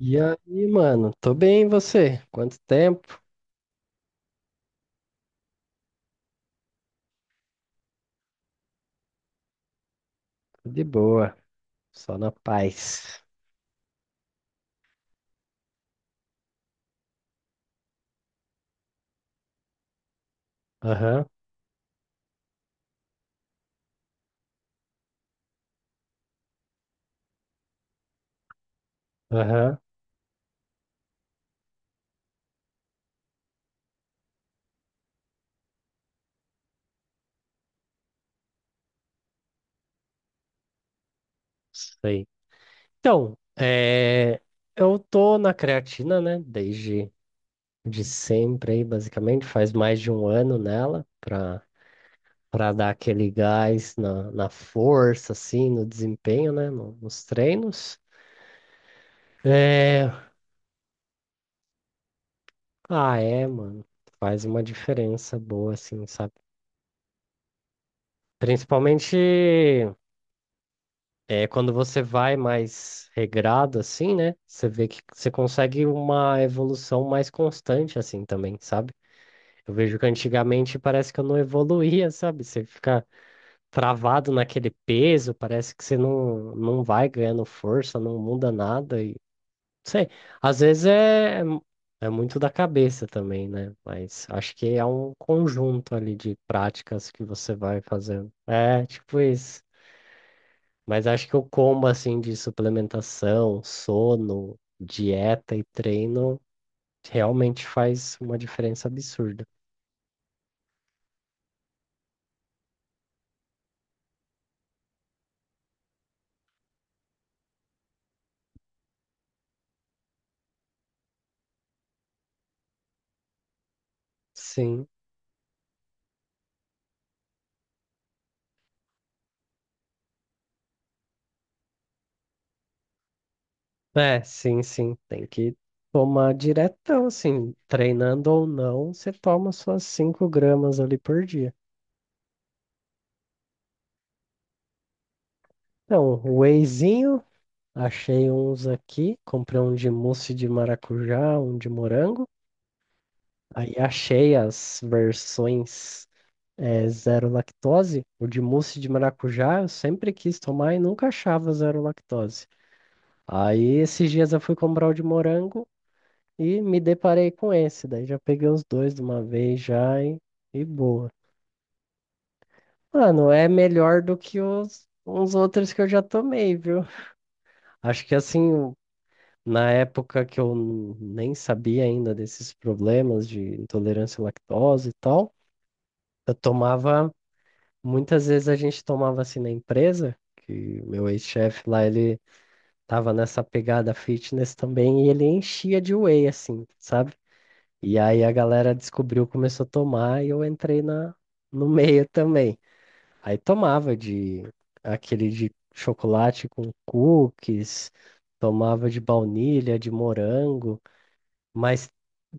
E aí, mano? Tô bem, e você? Quanto tempo? De boa, só na paz. Aham, aham, sei. Então, eu tô na creatina, né? Desde de sempre aí, basicamente. Faz mais de 1 ano nela, pra dar aquele gás na força, assim, no desempenho, né? Nos treinos. É... Ah, é, mano. Faz uma diferença boa, assim, sabe? Principalmente. É, quando você vai mais regrado assim, né? Você vê que você consegue uma evolução mais constante assim também, sabe? Eu vejo que antigamente parece que eu não evoluía, sabe? Você fica travado naquele peso, parece que você não vai ganhando força, não muda nada e não sei. Às vezes é, é muito da cabeça também, né? Mas acho que é um conjunto ali de práticas que você vai fazendo. É, tipo isso. Mas acho que o combo assim de suplementação, sono, dieta e treino realmente faz uma diferença absurda. Sim, sim. Tem que tomar diretão, assim, treinando ou não, você toma suas 5 gramas ali por dia. Então, um wheyzinho, achei uns aqui, comprei um de mousse de maracujá, um de morango. Aí achei as versões zero lactose, o de mousse de maracujá eu sempre quis tomar e nunca achava zero lactose. Aí esses dias eu fui comprar o de morango e me deparei com esse, daí já peguei os dois de uma vez já e boa. Mano, é melhor do que os uns outros que eu já tomei, viu? Acho que assim, na época que eu nem sabia ainda desses problemas de intolerância à lactose e tal, eu tomava muitas vezes. A gente tomava assim na empresa, que meu ex-chefe lá, ele tava nessa pegada fitness também, e ele enchia de whey, assim, sabe? E aí a galera descobriu, começou a tomar, e eu entrei no meio também. Aí tomava de aquele de chocolate com cookies, tomava de baunilha, de morango. Mas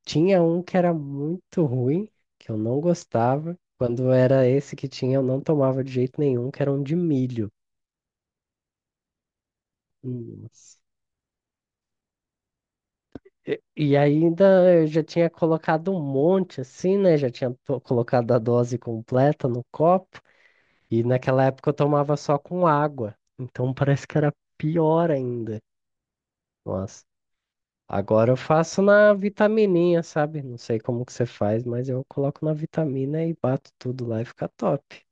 tinha um que era muito ruim, que eu não gostava. Quando era esse que tinha, eu não tomava de jeito nenhum, que era um de milho. Nossa. E ainda eu já tinha colocado um monte assim, né? Já tinha colocado a dose completa no copo. E naquela época eu tomava só com água. Então parece que era pior ainda. Nossa. Agora eu faço na vitamininha, sabe? Não sei como que você faz, mas eu coloco na vitamina e bato tudo lá e fica top.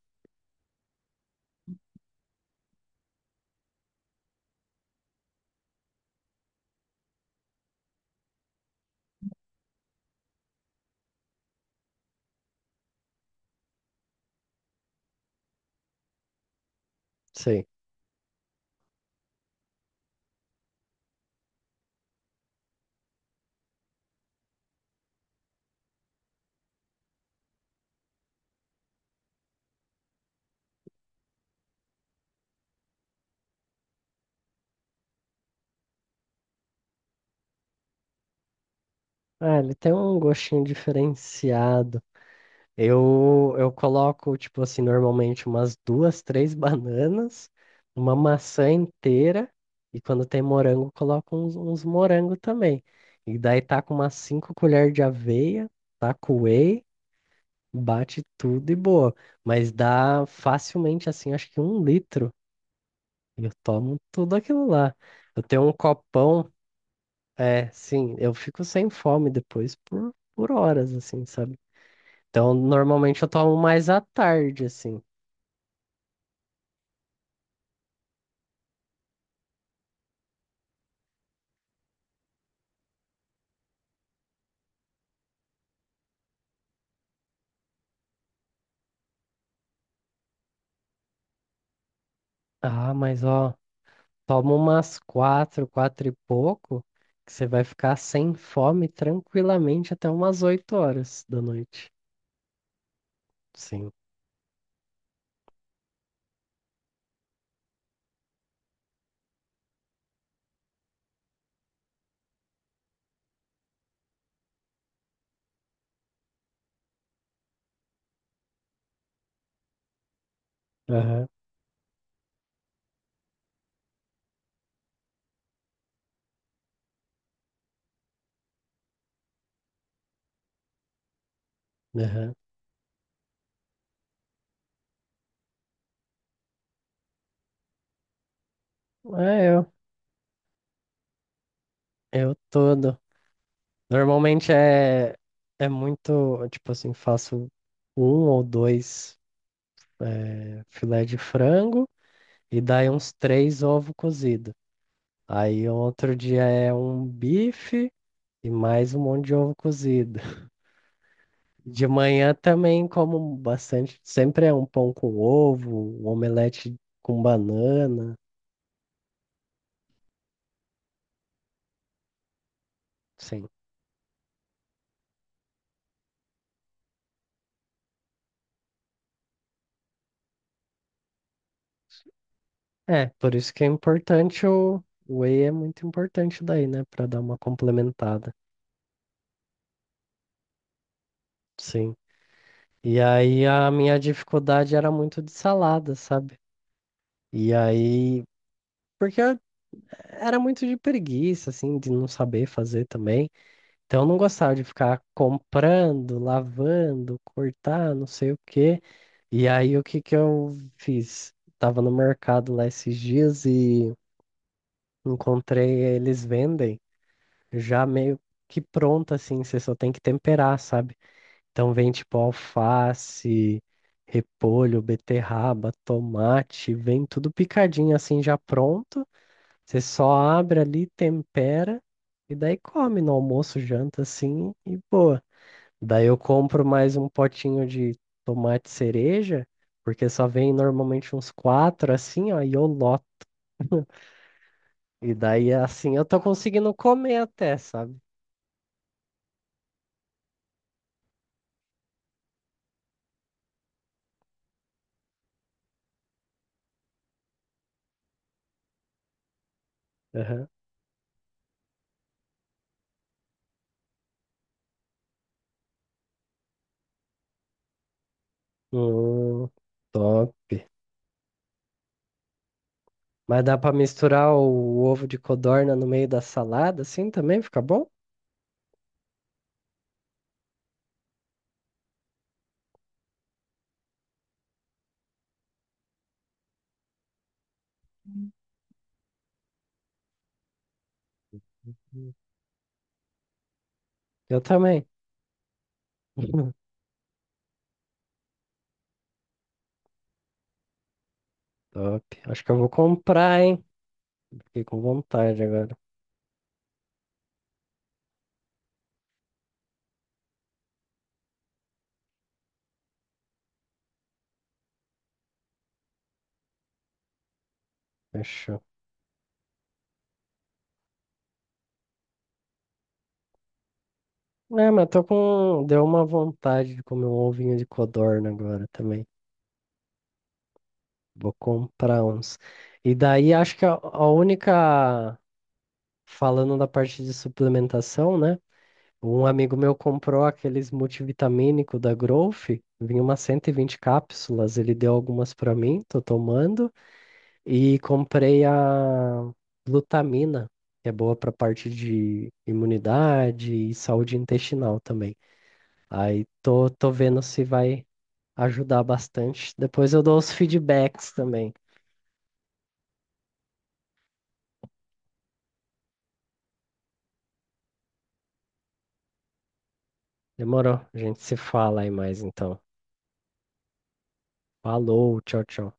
Sim. É, ele tem um gostinho diferenciado. Eu coloco, tipo assim, normalmente umas duas, três bananas, uma maçã inteira, e quando tem morango, coloco uns, uns morango também. E daí tá com umas cinco colheres de aveia, tá com whey, bate tudo e boa. Mas dá facilmente, assim, acho que 1 litro. E eu tomo tudo aquilo lá. Eu tenho um copão, é, sim, eu fico sem fome depois por horas, assim, sabe? Então, normalmente eu tomo mais à tarde, assim. Ah, mas ó, toma umas quatro, quatro e pouco, que você vai ficar sem fome tranquilamente até umas 8 horas da noite. Sim. Aham, aham. É eu todo. Normalmente é muito, tipo assim, faço um ou dois filé de frango e daí uns três ovos cozidos. Aí outro dia é um bife e mais um monte de ovo cozido. De manhã também como bastante. Sempre é um pão com ovo, um omelete com banana. Sim. É, por isso que é importante o whey é muito importante daí, né? Pra dar uma complementada. Sim. E aí a minha dificuldade era muito de salada, sabe? E aí. Porque eu era muito de preguiça, assim, de não saber fazer também. Então eu não gostava de ficar comprando, lavando, cortar, não sei o quê. E aí o que que eu fiz? Tava no mercado lá esses dias e encontrei, eles vendem já meio que pronto assim, você só tem que temperar, sabe? Então vem tipo alface, repolho, beterraba, tomate, vem tudo picadinho assim já pronto. Você só abre ali, tempera e daí come no almoço, janta assim e boa. Daí eu compro mais um potinho de tomate cereja, porque só vem normalmente uns quatro assim, ó, e eu loto. E daí assim eu tô conseguindo comer até, sabe? Aham. Hum, top. Mas dá pra misturar o ovo de codorna no meio da salada, assim também fica bom? Hum. Eu também. Top. Acho que eu vou comprar, hein? Fiquei com vontade agora. Fechou. É, mas tô com. Deu uma vontade de comer um ovinho de codorna agora também. Vou comprar uns. E daí acho que a única, falando da parte de suplementação, né? Um amigo meu comprou aqueles multivitamínico da Growth, vinha umas 120 cápsulas, ele deu algumas para mim, tô tomando, e comprei a glutamina, que é boa para parte de imunidade e saúde intestinal também. Aí tô vendo se vai ajudar bastante. Depois eu dou os feedbacks também. Demorou. A gente se fala aí mais então. Falou, tchau, tchau.